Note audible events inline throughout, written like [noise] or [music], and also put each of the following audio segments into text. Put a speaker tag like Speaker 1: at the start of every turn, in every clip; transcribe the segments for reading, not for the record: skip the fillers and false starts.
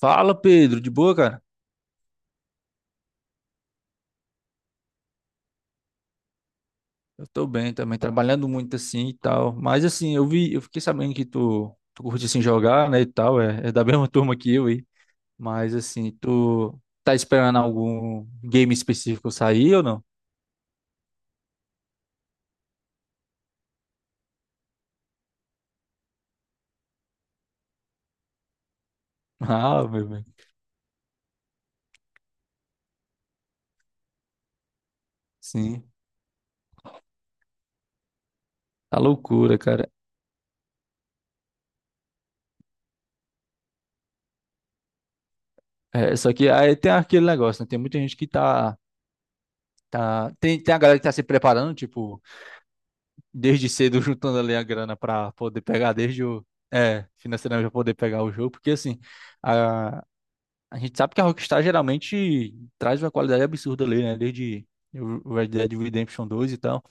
Speaker 1: Fala, Pedro, de boa, cara? Eu tô bem também, trabalhando muito assim e tal. Mas assim, eu fiquei sabendo que tu curte assim jogar, né, e tal, é da [laughs] mesma turma que eu aí. Mas assim, tu tá esperando algum game específico sair ou não? [laughs] Ah, meu bem. Sim, tá loucura, cara. É, só que aí tem aquele negócio, né? Tem muita gente que tá, tem a galera que tá se preparando, tipo, desde cedo [laughs] juntando ali a grana pra poder pegar desde o... É, financeiramente pra poder pegar o jogo, porque assim, a, a gente sabe que a Rockstar geralmente traz uma qualidade absurda ali, né? Desde o Red Dead Redemption 2 e tal.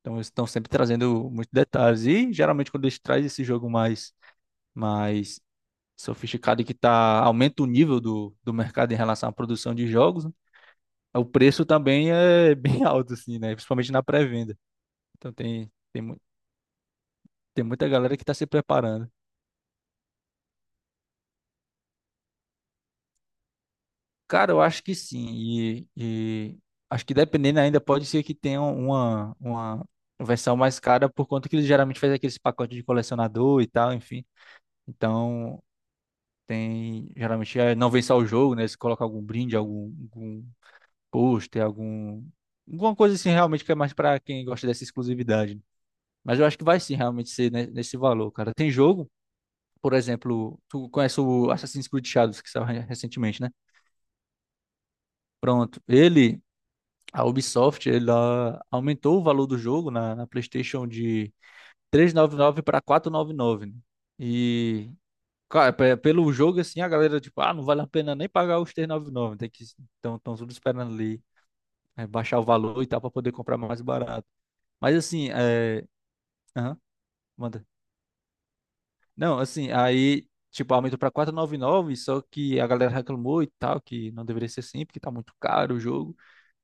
Speaker 1: Então eles estão sempre trazendo muitos detalhes. E geralmente quando eles trazem esse jogo mais sofisticado, e que tá, aumenta o nível do mercado em relação à produção de jogos, né, o preço também é [laughs] bem alto, assim, né? Principalmente na pré-venda. Então tem muita galera que está se preparando. Cara, eu acho que sim. E acho que, dependendo, ainda pode ser que tenha uma versão mais cara, por conta que eles geralmente fazem aqueles pacotes de colecionador e tal, enfim. Então, tem geralmente, não vem só o jogo, né? Eles colocam algum brinde, algum pôster, alguma coisa assim, realmente, que é mais pra quem gosta dessa exclusividade. Mas eu acho que vai sim realmente ser nesse valor, cara. Tem jogo, por exemplo, tu conhece o Assassin's Creed Shadows, que saiu recentemente, né? Pronto. Ele A Ubisoft, ela aumentou o valor do jogo na PlayStation de 399 para 499, né? E cara, pelo jogo assim, a galera, tipo, ah, não vale a pena nem pagar os 399. Tem que... Então, estão tudo esperando ali, é, baixar o valor e tal, para poder comprar mais barato. Mas assim, é, aham, manda. Não, assim, aí, tipo, aumentou pra 499, só que a galera reclamou e tal, que não deveria ser assim, porque tá muito caro o jogo.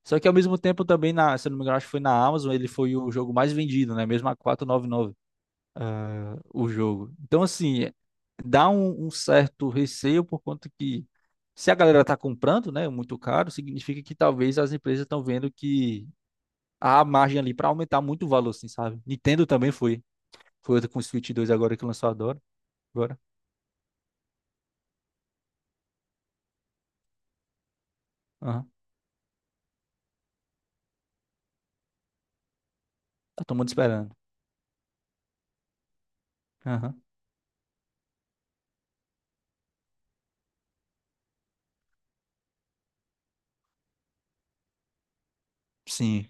Speaker 1: Só que ao mesmo tempo também, na, se eu não me engano, acho que foi na Amazon, ele foi o jogo mais vendido, né? Mesmo a 499, ah, o jogo. Então, assim, é, dá um certo receio, por conta que, se a galera tá comprando, né, muito caro, significa que talvez as empresas estão vendo que há margem ali pra aumentar muito o valor, assim, sabe? Nintendo também foi. Foi outra com o Switch 2 agora que lançou agora. agora. Eu tô muito esperando. Aham. Sim.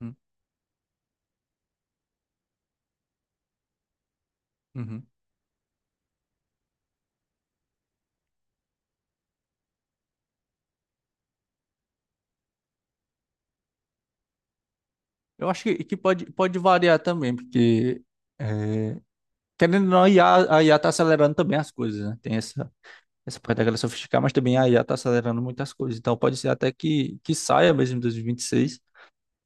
Speaker 1: Hum. Uhum. Eu acho que pode variar também, porque é, querendo ou não, a IA, tá acelerando também as coisas, né? Tem essa, essa parte da galera sofisticar, mas também a IA tá acelerando muitas coisas. Então, pode ser até que saia mesmo em 2026. E 26.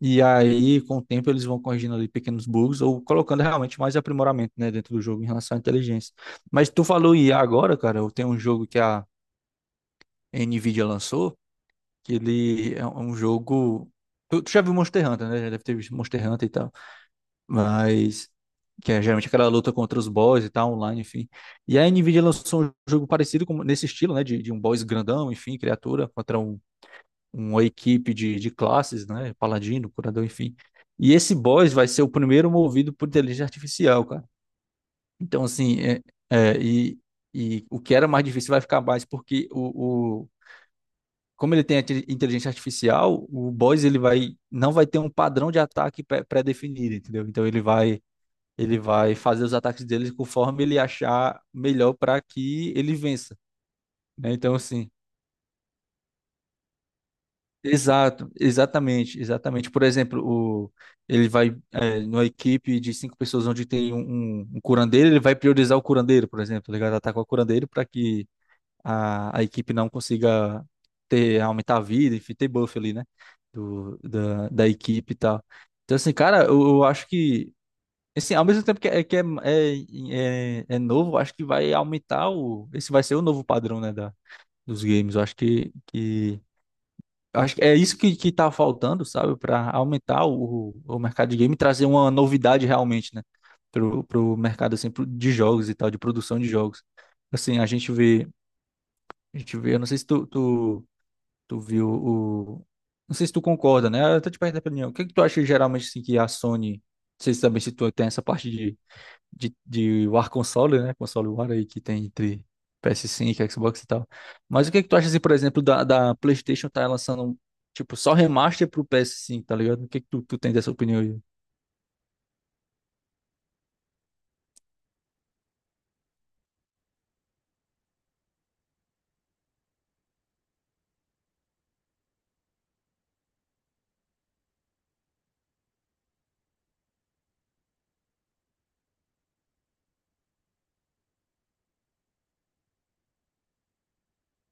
Speaker 1: E aí, com o tempo, eles vão corrigindo ali pequenos bugs ou colocando realmente mais aprimoramento, né, dentro do jogo em relação à inteligência. Mas tu falou IA agora, cara, eu tenho um jogo que a NVIDIA lançou. Que ele é um jogo. Tu já viu Monster Hunter, né? Já deve ter visto Monster Hunter e tal. Mas... Que é geralmente aquela luta contra os boss e tal, online, enfim. E a Nvidia lançou um jogo parecido com, nesse estilo, né? De um boss grandão, enfim, criatura, contra uma equipe de classes, né? Paladino, curador, enfim. E esse boss vai ser o primeiro movido por inteligência artificial, cara. Então, assim, é, e, o que era mais difícil vai ficar mais, porque como ele tem a inteligência artificial, o boss, ele vai não vai ter um padrão de ataque pré-definido, entendeu? Então, ele vai fazer os ataques dele conforme ele achar melhor para que ele vença, né? Então, assim, exato, exatamente, exatamente. Por exemplo, o ele vai, numa equipe de 5 pessoas onde tem um curandeiro, ele vai priorizar o curandeiro, por exemplo, tá ligado? Atacar o curandeiro para que a equipe não consiga aumentar a vida, enfim, ter buff ali, né? Da equipe e tal. Então, assim, cara, eu acho que, assim, ao mesmo tempo que é novo, eu acho que vai aumentar o... Esse vai ser o novo padrão, né, dos games. Eu acho que eu acho que é isso que tá faltando, sabe? Para aumentar o mercado de game e trazer uma novidade realmente, né? Pro mercado, assim, de jogos e tal, de produção de jogos. Assim, a gente vê. A gente vê, eu não sei se tu viu o... Não sei se tu concorda, né? Eu tô te perguntando a opinião. O que é que tu acha, geralmente, assim, que a Sony... Não sei se também, se tu tem essa parte de, de War Console, né? Console War aí, que tem entre PS5, Xbox e tal. Mas o que é que tu acha, assim, por exemplo, da PlayStation tá lançando, tipo, só remaster pro PS5, tá ligado? O que é que tu tem dessa opinião aí?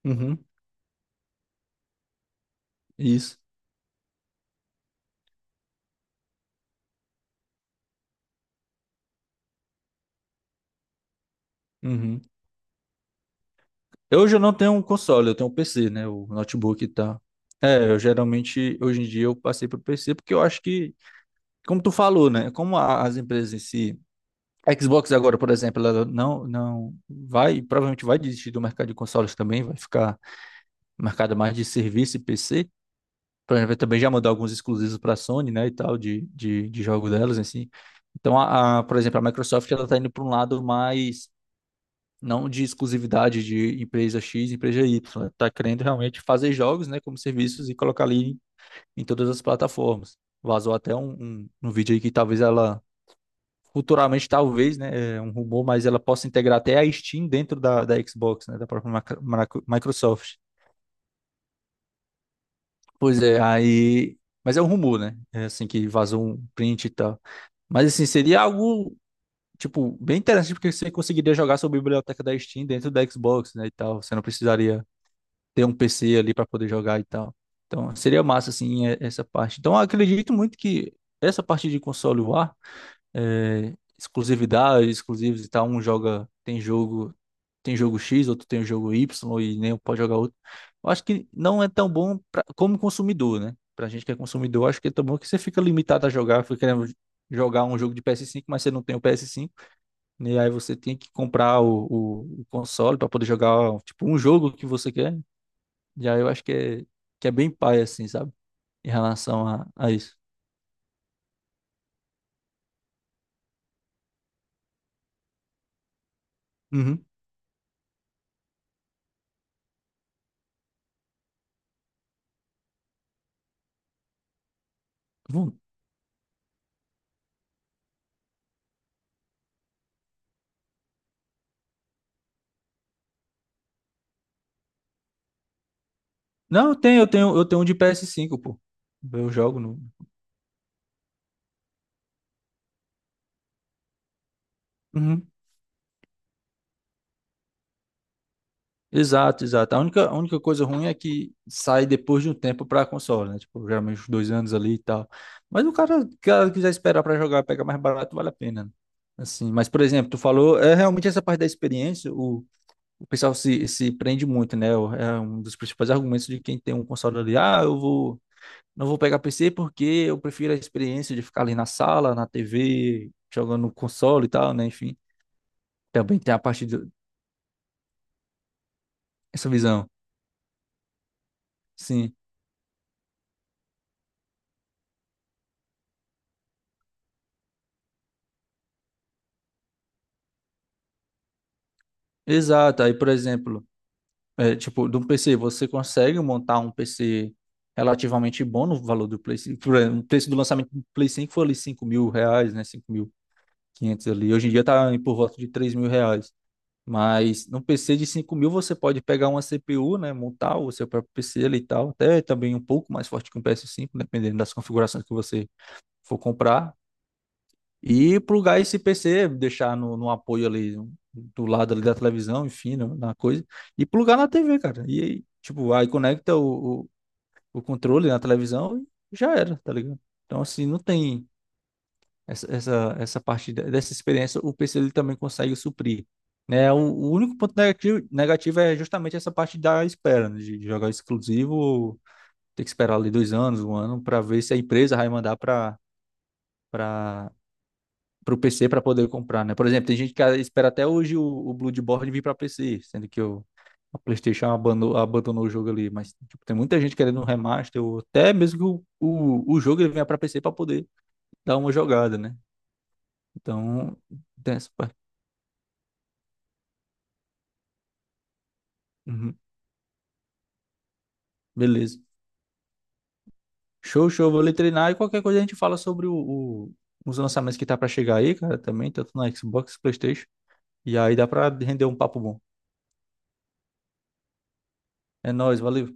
Speaker 1: Uhum, isso. Uhum. Eu hoje eu não tenho um console, eu tenho um PC, né? O notebook e tal. É, eu geralmente, hoje em dia, eu passei pro PC, porque eu acho que... Como tu falou, né? Como as empresas em si, a Xbox agora, por exemplo, ela não vai, provavelmente vai desistir do mercado de consoles também, vai ficar mercado mais de serviço e PC. Por exemplo, vai também já mandar alguns exclusivos para a Sony, né, e tal, de, de jogo delas, assim. Então, por exemplo, a Microsoft, ela tá indo para um lado mais, não de exclusividade de empresa X, empresa Y. Ela tá querendo realmente fazer jogos, né, como serviços, e colocar ali em, todas as plataformas. Vazou até um vídeo aí, que talvez ela, futuramente, talvez, né, é um rumor, mas ela possa integrar até a Steam dentro da Xbox, né, da própria Microsoft. Pois é, aí. Mas é um rumor, né? É assim, que vazou um print e tal. Mas assim, seria algo, tipo, bem interessante, porque você conseguiria jogar sua biblioteca da Steam dentro da Xbox, né, e tal. Você não precisaria ter um PC ali para poder jogar e tal. Então, seria massa, assim, essa parte. Então, eu acredito muito que essa parte de console VR, é, exclusividade, exclusivos e tal. Um joga, tem jogo X, outro tem o jogo Y, e nem um pode jogar outro. Eu acho que não é tão bom pra, como consumidor, né? Pra gente que é consumidor, acho que é tão bom, que você fica limitado a jogar, fica querendo jogar um jogo de PS5, mas você não tem o PS5, e aí você tem que comprar o console para poder jogar, tipo, um jogo que você quer. E aí, eu acho que é bem pai, assim, sabe? Em relação a isso. Uhum. Não, eu tenho um de PS5, pô. Eu jogo no... Uhum. Exato, exato. A única coisa ruim é que sai depois de um tempo pra console, né? Tipo, geralmente uns 2 anos ali e tal. Mas o cara quiser esperar pra jogar, pega mais barato, vale a pena, né? Assim, mas, por exemplo, tu falou, é realmente essa parte da experiência, o pessoal se prende muito, né? É um dos principais argumentos de quem tem um console ali. Ah, eu vou... não vou pegar PC, porque eu prefiro a experiência de ficar ali na sala, na TV, jogando no console e tal, né? Enfim. Também tem a partir dessa visão. Sim, exato. Aí, por exemplo, é, tipo, de um PC, você consegue montar um PC relativamente bom no valor do Play 5. Por exemplo, o preço do lançamento do Play 5 foi ali R$ 5.000, né? 5.500 ali. Hoje em dia tá por volta de R$ 3.000. Mas num PC de 5.000 você pode pegar uma CPU, né? Montar o seu próprio PC ali e tal. Até também um pouco mais forte que um PS5, dependendo das configurações que você for comprar. E plugar esse PC, deixar no apoio ali, do lado ali da televisão, enfim, na coisa. E plugar na TV, cara. E aí, tipo, aí conecta o controle na televisão, e já era, tá ligado? Então, assim, não tem essa parte dessa experiência, o PC ele também consegue suprir. Né? O único ponto negativo, negativo é justamente essa parte da espera, né? De jogar exclusivo, ter que esperar ali 2 anos, um ano, para ver se a empresa vai mandar pra para pro PC para poder comprar, né? Por exemplo, tem gente que espera até hoje o Bloodborne vir para PC, sendo que a PlayStation abandonou, abandonou o jogo ali. Mas, tipo, tem muita gente querendo um remaster, ou até mesmo que o jogo ele venha para PC, para poder dar uma jogada, né? Então, tem essa parte. Uhum. Beleza. Show, show. Vou ali treinar, e qualquer coisa a gente fala sobre o, o- os lançamentos que tá para chegar aí, cara, também, tanto na Xbox, PlayStation. E aí dá para render um papo bom. É nóis, valeu.